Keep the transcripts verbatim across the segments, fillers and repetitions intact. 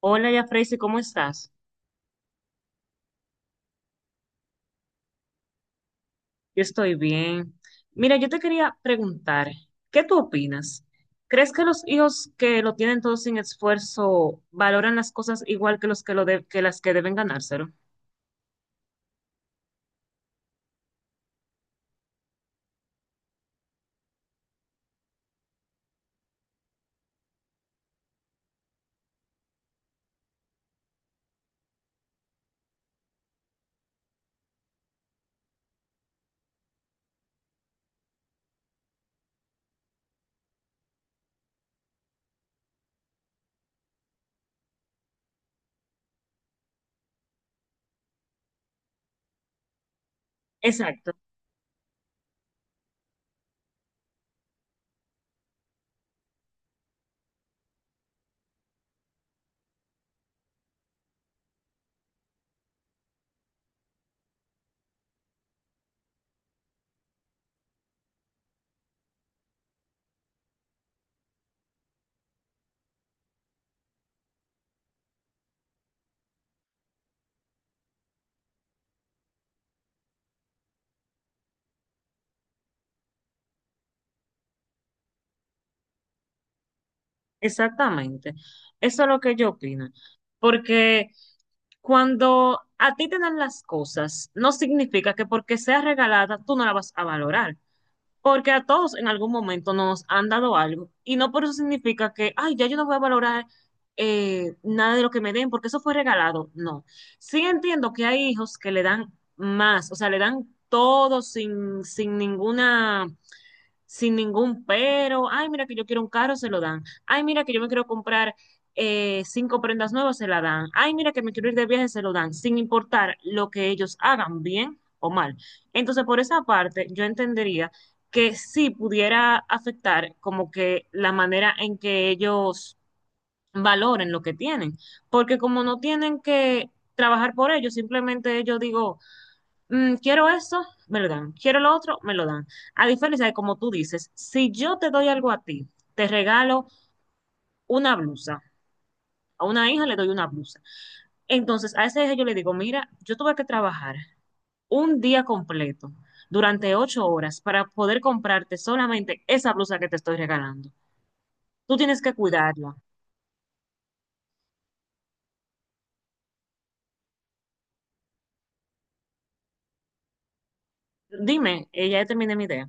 Hola, ya Freysi, ¿cómo estás? Yo estoy bien. Mira, yo te quería preguntar, ¿qué tú opinas? ¿Crees que los hijos que lo tienen todo sin esfuerzo valoran las cosas igual que los que lo de- que las que deben ganárselo? Exacto, exactamente. Eso es lo que yo opino. Porque cuando a ti te dan las cosas, no significa que porque sea regalada tú no la vas a valorar. Porque a todos en algún momento nos han dado algo y no por eso significa que, ay, ya yo no voy a valorar eh, nada de lo que me den porque eso fue regalado. No. Sí entiendo que hay hijos que le dan más, o sea, le dan todo sin, sin ninguna sin ningún pero. Ay, mira que yo quiero un carro, se lo dan. Ay, mira que yo me quiero comprar eh, cinco prendas nuevas, se la dan. Ay, mira que me quiero ir de viaje, se lo dan, sin importar lo que ellos hagan, bien o mal. Entonces, por esa parte, yo entendería que sí pudiera afectar como que la manera en que ellos valoren lo que tienen, porque como no tienen que trabajar por ello, simplemente ellos digo, mm, quiero esto, me lo dan, quiero lo otro, me lo dan. A diferencia de como tú dices, si yo te doy algo a ti, te regalo una blusa, a una hija le doy una blusa. Entonces, a esa hija yo le digo, mira, yo tuve que trabajar un día completo durante ocho horas para poder comprarte solamente esa blusa que te estoy regalando. Tú tienes que cuidarla. Dime, eh, ya terminé mi idea.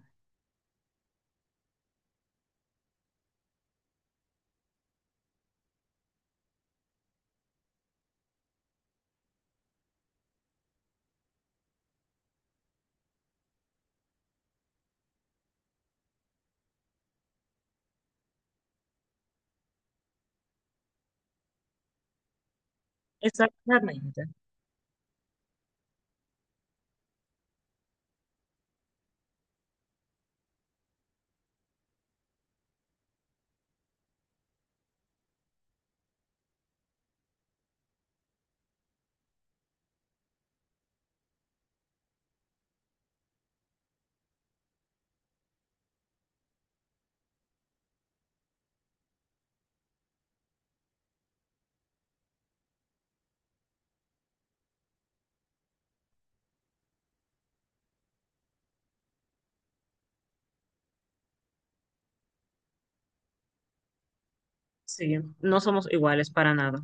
Exactamente. Sí, no somos iguales para nada.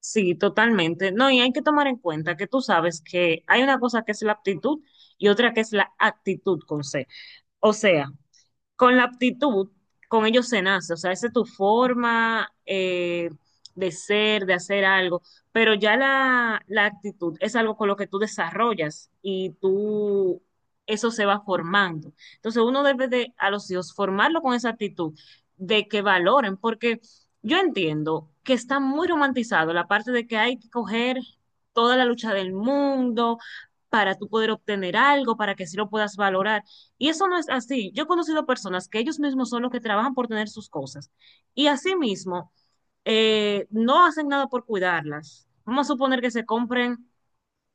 Sí, totalmente. No, y hay que tomar en cuenta que tú sabes que hay una cosa que es la aptitud y otra que es la actitud con C. O sea, con la aptitud, con ellos se nace, o sea, esa es tu forma eh, de ser, de hacer algo, pero ya la, la actitud es algo con lo que tú desarrollas y tú, eso se va formando. Entonces uno debe de, a los hijos, formarlo con esa actitud de que valoren, porque yo entiendo que está muy romantizado la parte de que hay que coger toda la lucha del mundo para tú poder obtener algo, para que sí lo puedas valorar. Y eso no es así. Yo he conocido personas que ellos mismos son los que trabajan por tener sus cosas y asimismo eh, no hacen nada por cuidarlas. Vamos a suponer que se compren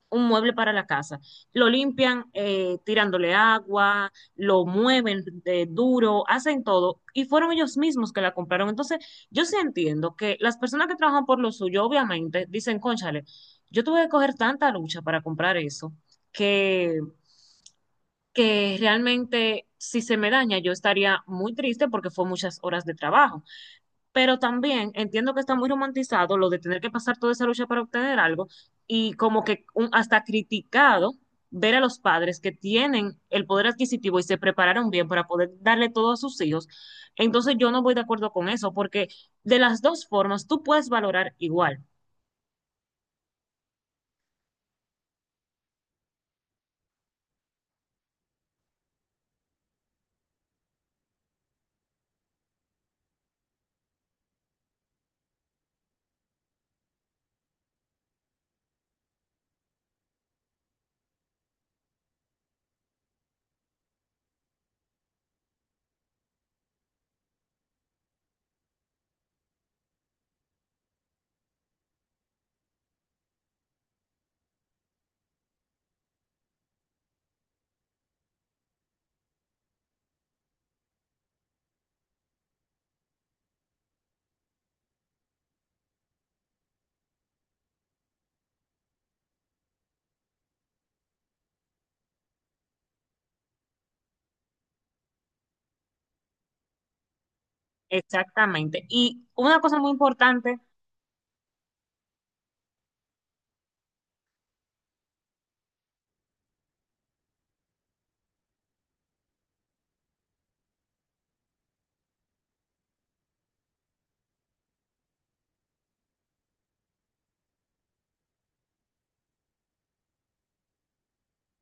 un mueble para la casa. Lo limpian eh, tirándole agua, lo mueven de duro, hacen todo y fueron ellos mismos que la compraron. Entonces, yo sí entiendo que las personas que trabajan por lo suyo, obviamente, dicen, cónchale, yo tuve que coger tanta lucha para comprar eso que que realmente si se me daña yo estaría muy triste porque fue muchas horas de trabajo. Pero también entiendo que está muy romantizado lo de tener que pasar toda esa lucha para obtener algo y como que un- hasta criticado ver a los padres que tienen el poder adquisitivo y se prepararon bien para poder darle todo a sus hijos. Entonces yo no voy de acuerdo con eso porque de las dos formas tú puedes valorar igual. Exactamente. Y una cosa muy importante.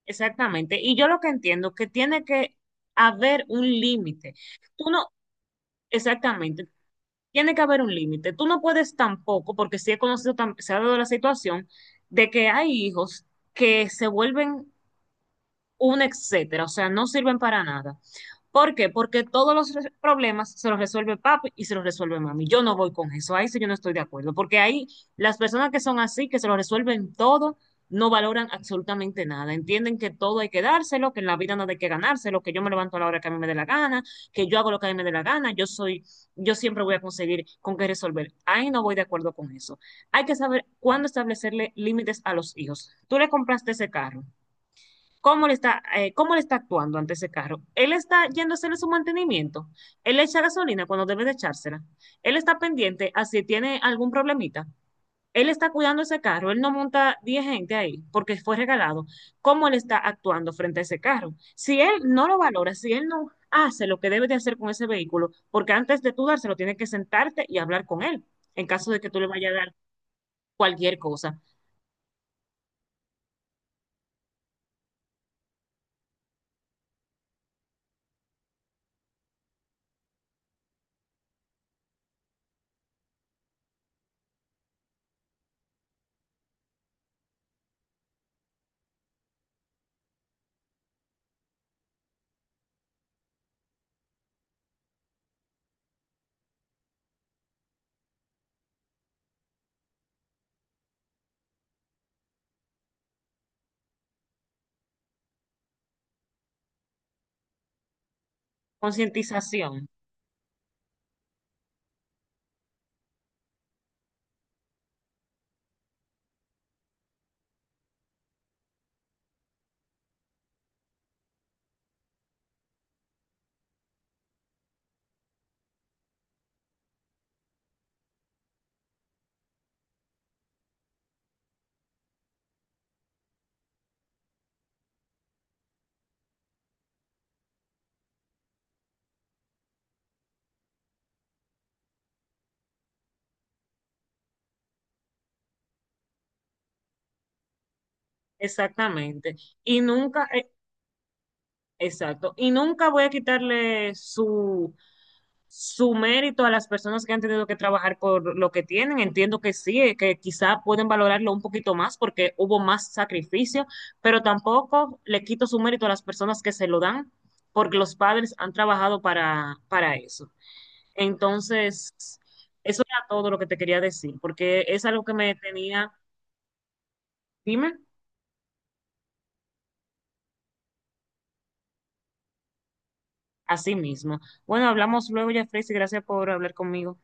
Exactamente. Y yo lo que entiendo es que tiene que haber un límite. Tú no, exactamente, tiene que haber un límite. Tú no puedes tampoco, porque sí he conocido, tam- se ha dado la situación de que hay hijos que se vuelven un etcétera, o sea, no sirven para nada. ¿Por qué? Porque todos los problemas se los resuelve papi y se los resuelve mami. Yo no voy con eso, ahí sí yo no estoy de acuerdo, porque ahí las personas que son así, que se lo resuelven todo, no valoran absolutamente nada. Entienden que todo hay que dárselo, que en la vida nada hay que ganárselo, que yo me levanto a la hora que a mí me dé la gana, que yo hago lo que a mí me dé la gana, yo soy, yo siempre voy a conseguir con qué resolver. Ahí no voy de acuerdo con eso. Hay que saber cuándo establecerle límites a los hijos. Tú le compraste ese carro, cómo le está, eh, cómo le está actuando ante ese carro. Él está yendo a hacerle su mantenimiento. Él le echa gasolina cuando debe de echársela. Él está pendiente a si tiene algún problemita. Él está cuidando ese carro, él no monta diez gente ahí porque fue regalado. ¿Cómo él está actuando frente a ese carro? Si él no lo valora, si él no hace lo que debe de hacer con ese vehículo, porque antes de tú dárselo, tienes que sentarte y hablar con él, en caso de que tú le vayas a dar cualquier cosa. Concientización, exactamente. Y nunca, eh, exacto. Y nunca voy a quitarle su, su mérito a las personas que han tenido que trabajar por lo que tienen. Entiendo que sí, eh, que quizá pueden valorarlo un poquito más porque hubo más sacrificio, pero tampoco le quito su mérito a las personas que se lo dan porque los padres han trabajado para, para eso. Entonces, eso era todo lo que te quería decir, porque es algo que me tenía, dime, a sí mismo. Bueno, hablamos luego, Jeffrey, y gracias por hablar conmigo.